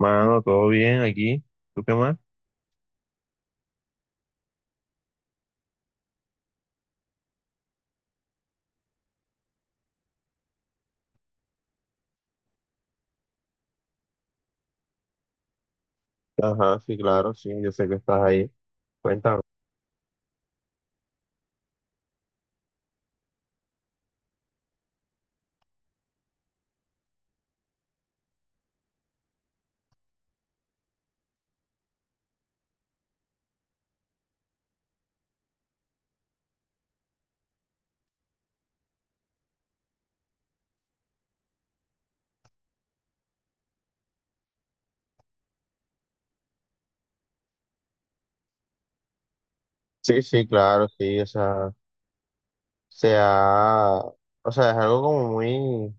Mano, todo bien aquí. ¿Tú qué más? Ajá, sí, claro, sí, yo sé que estás ahí. Cuéntame. Sí, sí, claro, sí, o sea, se ha- o sea, es algo como muy,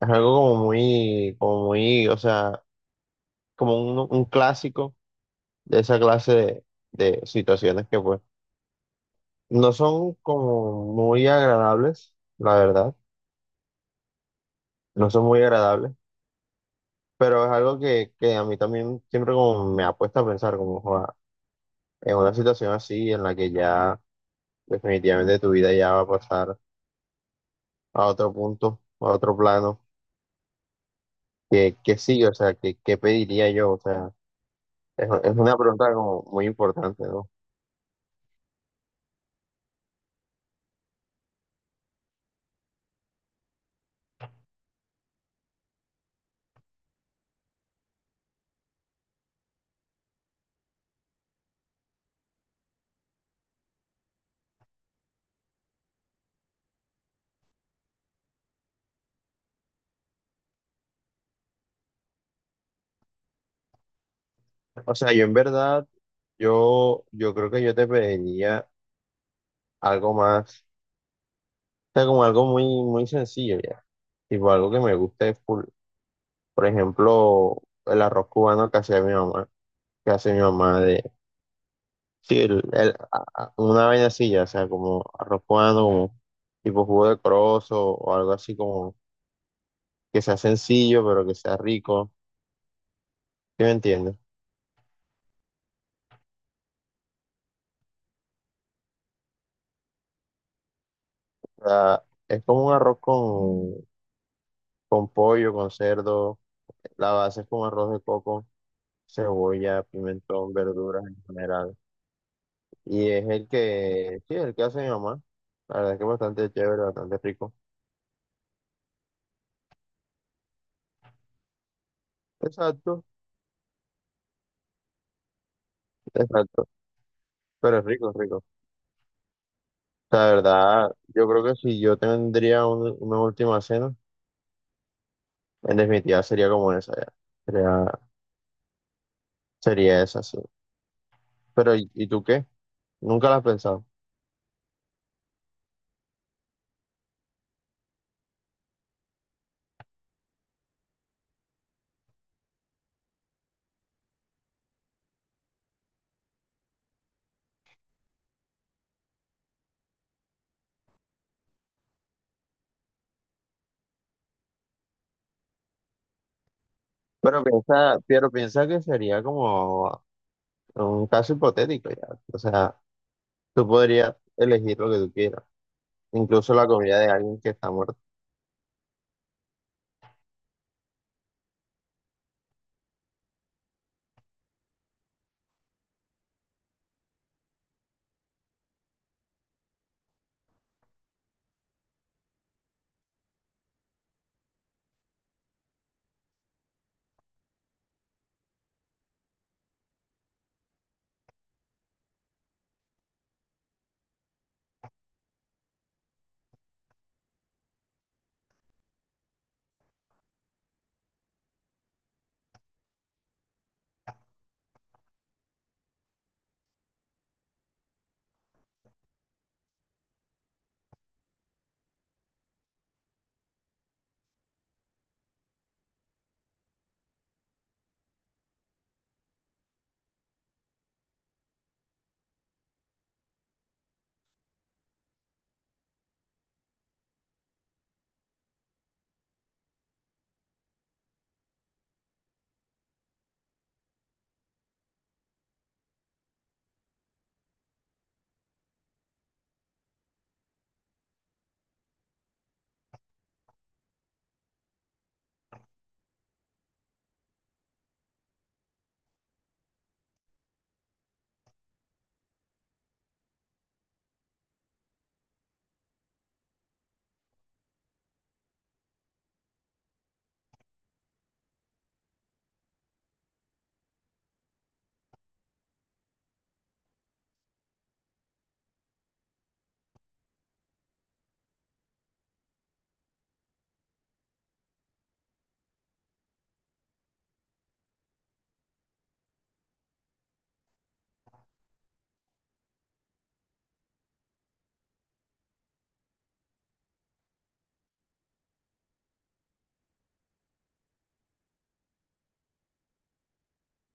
es algo como muy, o sea, como un clásico de esa clase de situaciones que pues no son como muy agradables, la verdad, no son muy agradables, pero es algo que a mí también siempre como me ha puesto a pensar como joda, en una situación así en la que ya definitivamente tu vida ya va a pasar a otro punto, a otro plano, que sí, o sea, que pediría yo, o sea, es una pregunta como muy importante, ¿no? O sea, yo en verdad, yo creo que yo te pediría algo más, o sea, como algo muy, muy sencillo ya, tipo algo que me guste full. Por ejemplo, el arroz cubano que hacía mi mamá, que hace mi mamá de, sí, una vaina así ya, o sea, como arroz cubano, como tipo jugo de corozo o algo así como que sea sencillo, pero que sea rico. ¿Sí me entiendes? O sea, es como un arroz con pollo, con cerdo. La base es con arroz de coco, cebolla, pimentón, verduras en general. Y es el que, sí, el que hace mi mamá. La verdad es que es bastante chévere, bastante rico. Exacto, exacto. Pero es rico, es rico. La verdad, yo creo que si yo tendría una última cena, en definitiva sería como esa ya. Sería, sería esa, sí. Pero, y tú qué? ¿Nunca la has pensado? Pero piensa que sería como un caso hipotético ya. O sea, tú podrías elegir lo que tú quieras, incluso la comida de alguien que está muerto.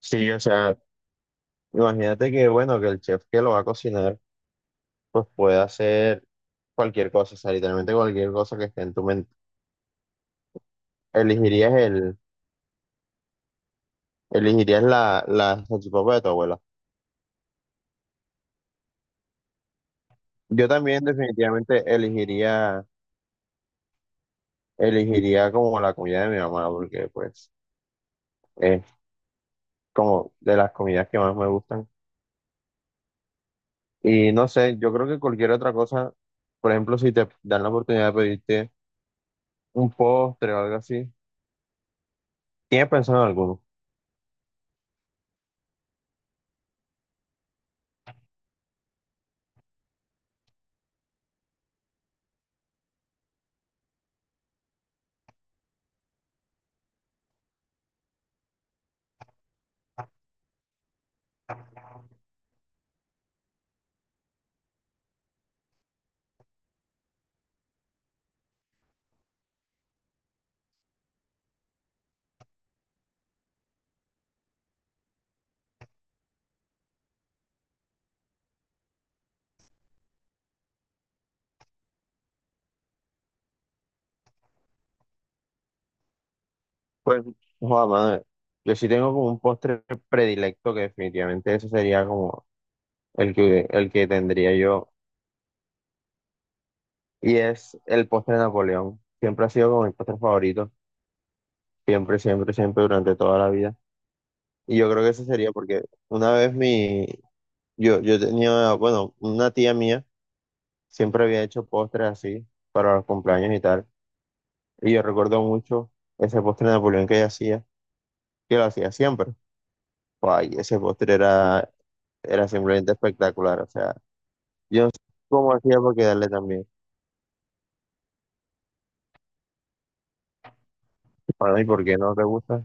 Sí, o sea, imagínate que, bueno, que el chef que lo va a cocinar, pues puede hacer cualquier cosa, o sea, literalmente cualquier cosa que esté en tu mente. Elegirías el, elegirías la, la salchipapa de tu abuela. Yo también definitivamente elegiría, elegiría como la comida de mi mamá, porque pues es como de las comidas que más me gustan. Y no sé, yo creo que cualquier otra cosa, por ejemplo, si te dan la oportunidad de pedirte un postre o algo así, ¿tienes pensado en alguno? Pues, joder, madre, yo sí tengo como un postre predilecto que definitivamente ese sería como el que tendría yo, y es el postre de Napoleón. Siempre ha sido como mi postre favorito, siempre, siempre, siempre, durante toda la vida. Y yo creo que ese sería porque una vez mi, yo tenía, bueno, una tía mía siempre había hecho postres así para los cumpleaños y tal. Y yo recuerdo mucho ese postre de Napoleón que ella hacía, que lo hacía siempre. Ay, ese postre era, era simplemente espectacular. O sea, yo no sé cómo hacía para quedarle también. Para mí, ¿por qué no te gusta?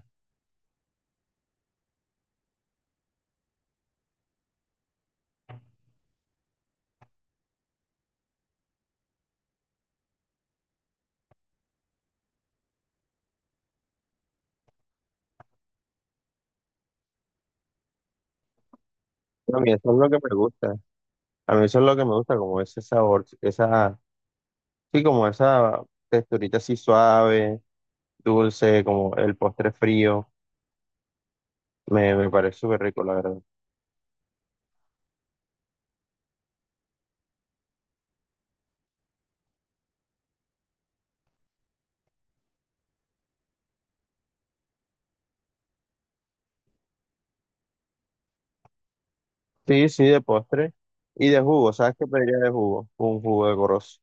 No, a mí eso es lo que me gusta. A mí eso es lo que me gusta, como ese sabor, esa, sí, como esa texturita así suave, dulce, como el postre frío. Me parece súper rico, la verdad. Sí, sí, de postre. Y de jugo, ¿sabes qué pediría de jugo? Un jugo de corozo.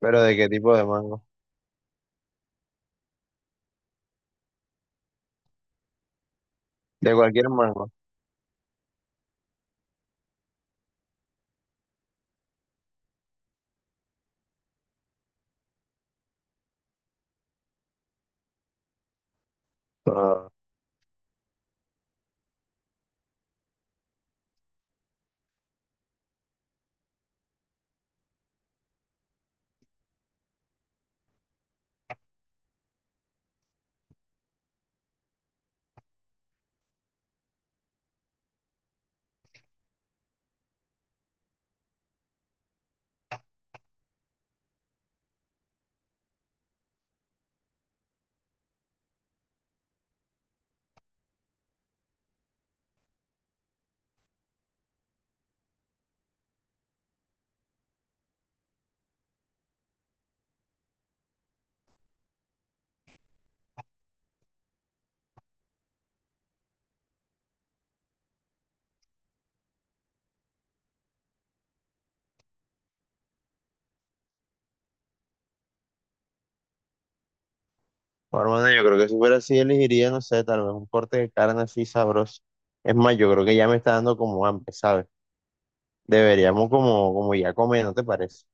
¿Pero de qué tipo de mango? De cualquier mango. Ah, hermano, yo creo que si fuera así, elegiría, no sé, tal vez un corte de carne así sabroso. Es más, yo creo que ya me está dando como hambre, ¿sabes? Deberíamos como, como ya comer, ¿no te parece?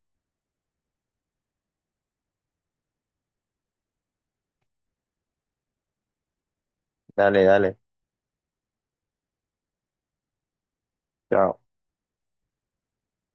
Dale, dale. Chao.